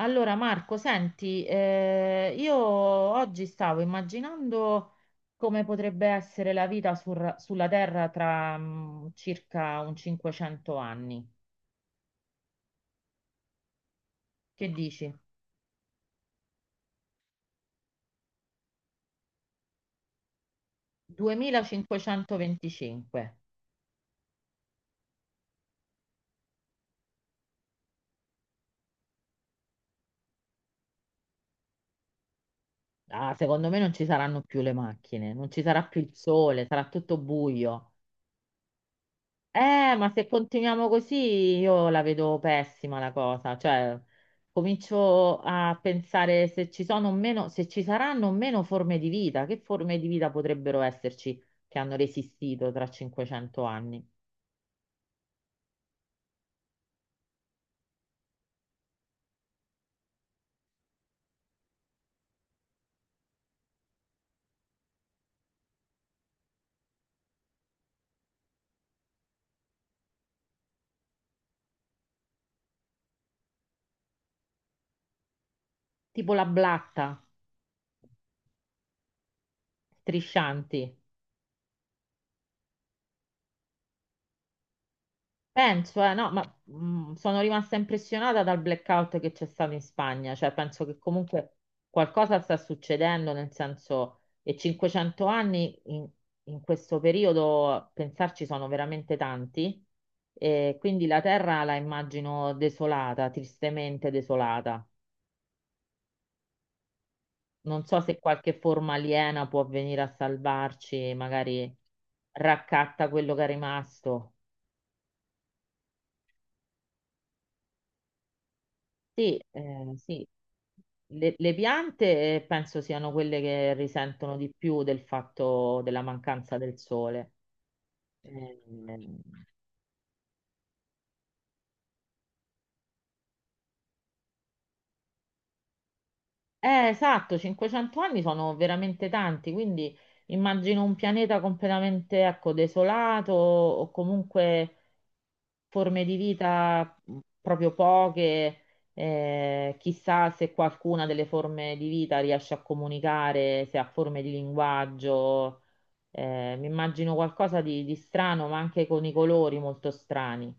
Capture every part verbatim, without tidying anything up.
Allora Marco, senti, eh, io oggi stavo immaginando come potrebbe essere la vita sur- sulla Terra tra mm, circa un cinquecento anni. Che dici? duemilacinquecentoventicinque. Ah, secondo me non ci saranno più le macchine, non ci sarà più il sole, sarà tutto buio. Eh, ma se continuiamo così io la vedo pessima la cosa, cioè comincio a pensare se ci sono o meno, se ci saranno o meno forme di vita, che forme di vita potrebbero esserci che hanno resistito tra cinquecento anni? Tipo la blatta, striscianti. Penso, eh, no, ma mh, sono rimasta impressionata dal blackout che c'è stato in Spagna, cioè penso che comunque qualcosa sta succedendo, nel senso, e cinquecento anni in, in questo periodo, pensarci sono veramente tanti, e quindi la terra la immagino desolata, tristemente desolata. Non so se qualche forma aliena può venire a salvarci, magari raccatta quello che è rimasto. Sì, eh, sì. Le, le piante eh, penso siano quelle che risentono di più del fatto della mancanza del sole. Ehm, Eh, esatto, cinquecento anni sono veramente tanti, quindi immagino un pianeta completamente, ecco, desolato o comunque forme di vita mh, proprio poche. Eh, chissà se qualcuna delle forme di vita riesce a comunicare, se ha forme di linguaggio. Eh, mi immagino qualcosa di, di strano, ma anche con i colori molto strani.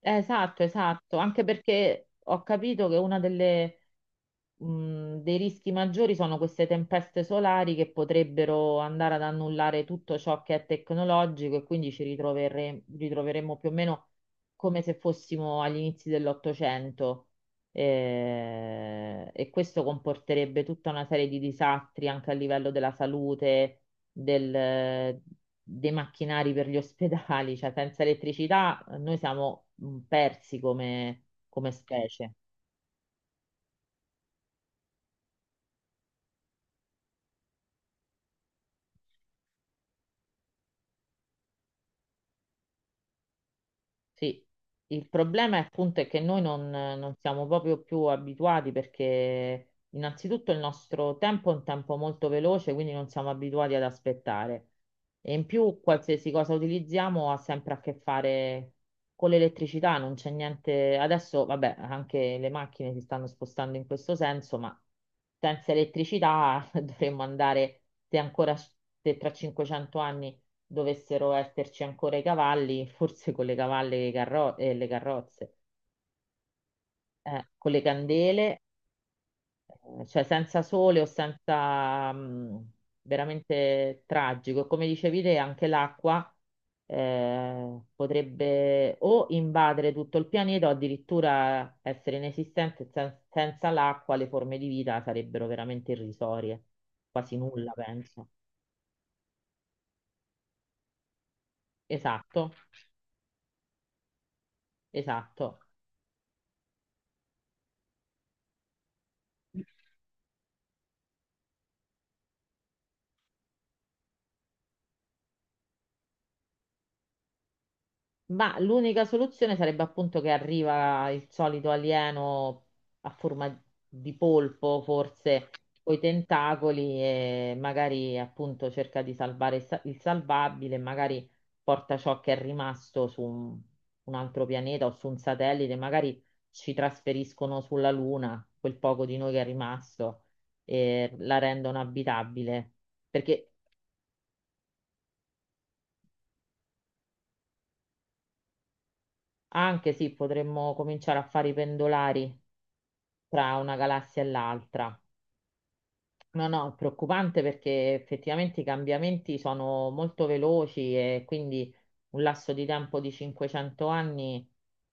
Eh, Esatto, esatto, anche perché ho capito che una delle, mh, dei rischi maggiori sono queste tempeste solari che potrebbero andare ad annullare tutto ciò che è tecnologico e quindi ci ritrovere- ritroveremmo più o meno come se fossimo agli inizi dell'Ottocento. Eh, e questo comporterebbe tutta una serie di disastri anche a livello della salute, del- dei macchinari per gli ospedali, cioè senza elettricità eh, noi siamo mh, persi come come specie. Sì, il problema è appunto è che noi non, non siamo proprio più abituati perché innanzitutto il nostro tempo è un tempo molto veloce, quindi non siamo abituati ad aspettare. E in più qualsiasi cosa utilizziamo ha sempre a che fare con l'elettricità, non c'è niente. Adesso, vabbè, anche le macchine si stanno spostando in questo senso, ma senza elettricità dovremmo andare, se ancora s- se tra cinquecento anni dovessero esserci ancora i cavalli, forse con le cavalle e, i carro- e le carrozze, eh, con le candele, eh, cioè senza sole o senza mh, veramente tragico. E come dicevi te, anche l'acqua eh, potrebbe o invadere tutto il pianeta o addirittura essere inesistente. Sen- senza l'acqua le forme di vita sarebbero veramente irrisorie, quasi nulla, penso. Esatto, esatto. Ma l'unica soluzione sarebbe appunto che arriva il solito alieno a forma di polpo, forse con i tentacoli, e magari appunto cerca di salvare il sa- il salvabile, magari porta ciò che è rimasto su un, un altro pianeta o su un satellite, magari ci trasferiscono sulla Luna, quel poco di noi che è rimasto, e la rendono abitabile. Perché anche sì, potremmo cominciare a fare i pendolari tra una galassia e l'altra. No, no, è preoccupante perché effettivamente i cambiamenti sono molto veloci e quindi un lasso di tempo di cinquecento anni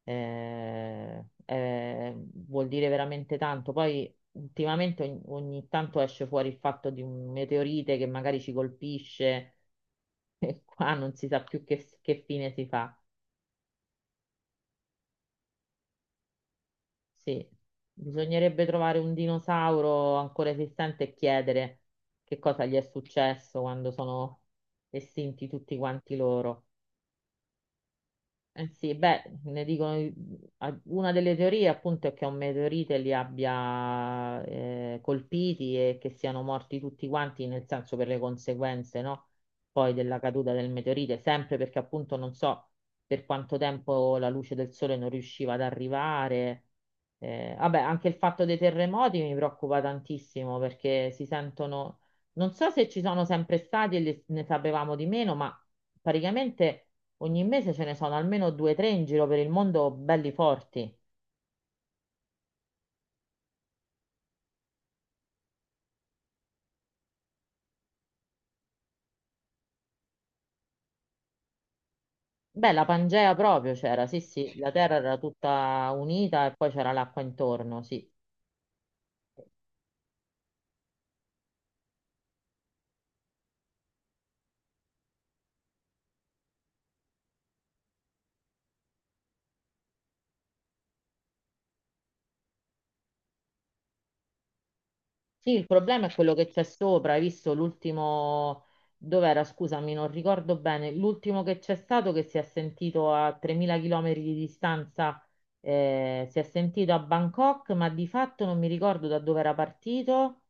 eh, eh, vuol dire veramente tanto. Poi ultimamente ogni, ogni tanto esce fuori il fatto di un meteorite che magari ci colpisce e qua non si sa più che, che fine si fa. Sì, bisognerebbe trovare un dinosauro ancora esistente e chiedere che cosa gli è successo quando sono estinti tutti quanti loro. Eh sì, beh, ne dicono, a- una delle teorie appunto è che un meteorite li abbia eh, colpiti e che siano morti tutti quanti, nel senso per le conseguenze, no? Poi della caduta del meteorite, sempre perché appunto non so per quanto tempo la luce del sole non riusciva ad arrivare. Eh, vabbè, anche il fatto dei terremoti mi preoccupa tantissimo perché si sentono, non so se ci sono sempre stati e li- ne sapevamo di meno, ma praticamente ogni mese ce ne sono almeno due o tre in giro per il mondo belli forti. Beh, la Pangea proprio c'era, sì, sì, la terra era tutta unita e poi c'era l'acqua intorno, sì. Sì, il problema è quello che c'è sopra, hai visto l'ultimo, dov'era, scusami, non ricordo bene, l'ultimo che c'è stato che si è sentito a tremila chilometri km di distanza, eh, si è sentito a Bangkok, ma di fatto non mi ricordo da dove era partito,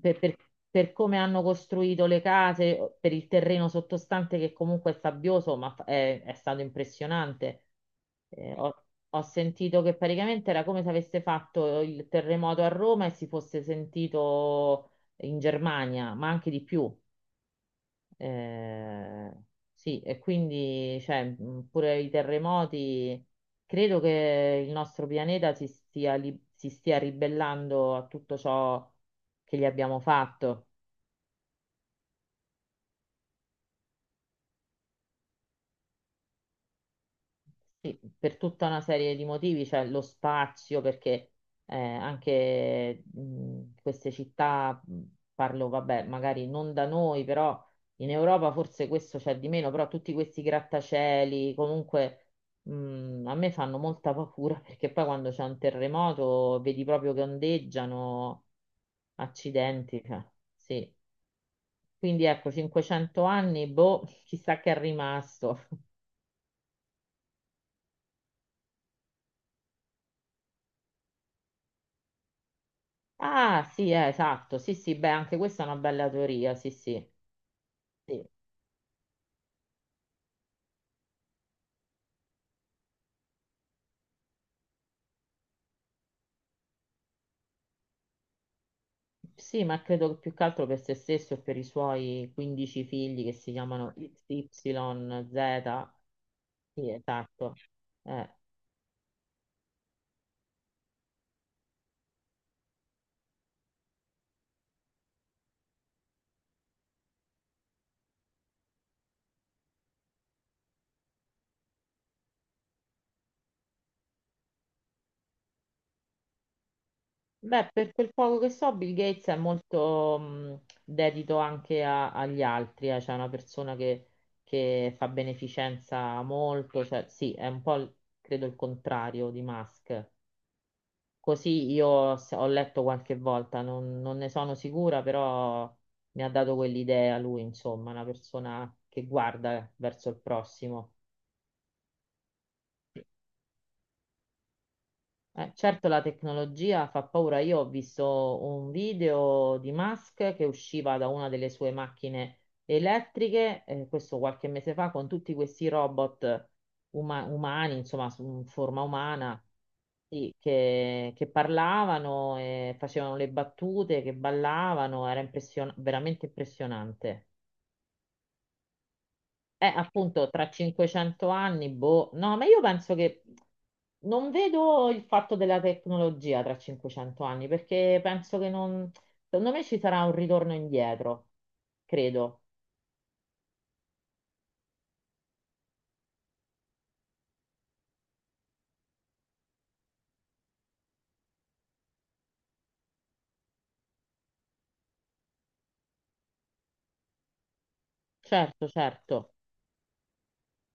per, per- per come hanno costruito le case, per il terreno sottostante che comunque è sabbioso, ma fa- è, è stato impressionante. Eh, ho- ho sentito che praticamente era come se avesse fatto il terremoto a Roma e si fosse sentito in Germania, ma anche di più. Eh, sì, e quindi, cioè, mh, pure i terremoti, credo che il nostro pianeta si stia, li- si stia ribellando a tutto ciò che gli abbiamo fatto. Sì, per tutta una serie di motivi, cioè lo spazio, perché eh, anche mh, queste città, mh, parlo, vabbè, magari non da noi, però in Europa forse questo c'è di meno, però tutti questi grattacieli, comunque mh, a me fanno molta paura perché poi quando c'è un terremoto vedi proprio che ondeggiano, accidenti, cioè, sì. Quindi ecco, cinquecento anni, boh, chissà che è rimasto. Ah, sì, eh, esatto. Sì, sì, beh, anche questa è una bella teoria. Sì, sì. Sì, Sì, ma credo che più che altro per se stesso e per i suoi quindici figli che si chiamano X Y Z. Sì, esatto. Eh, Beh, per quel poco che so, Bill Gates è molto mh, dedito anche a- agli altri, eh, cioè è una persona che, che fa beneficenza molto, cioè sì, è un po' il- credo il contrario di Musk. Così io s- ho letto qualche volta, non, non ne sono sicura, però mi ha dato quell'idea lui, insomma, una persona che guarda verso il prossimo. Eh, certo la tecnologia fa paura. Io ho visto un video di Musk che usciva da una delle sue macchine elettriche, eh, questo qualche mese fa, con tutti questi robot uma- umani, insomma, su- in forma umana, sì, che, che parlavano, e facevano le battute, che ballavano, era impression- veramente impressionante. Eh, appunto, tra cinquecento anni, boh, no, ma io penso che non vedo il fatto della tecnologia tra cinquecento anni, perché penso che non, secondo me ci sarà un ritorno indietro, credo. Certo, certo.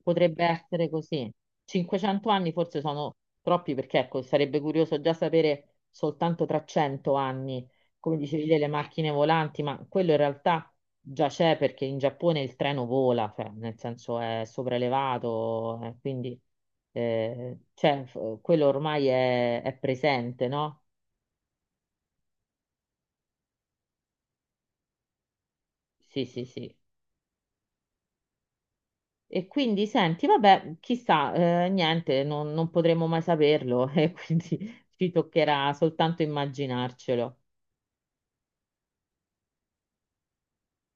Potrebbe essere così. cinquecento anni forse sono troppi perché ecco, sarebbe curioso già sapere soltanto tra cento anni, come dicevi, delle macchine volanti, ma quello in realtà già c'è perché in Giappone il treno vola, cioè, nel senso è sopraelevato, eh, quindi eh, cioè, f- quello ormai è, è presente, no? Sì, sì, sì. E quindi senti, vabbè, chissà, eh, niente, non, non potremo mai saperlo e quindi ci toccherà soltanto immaginarcelo.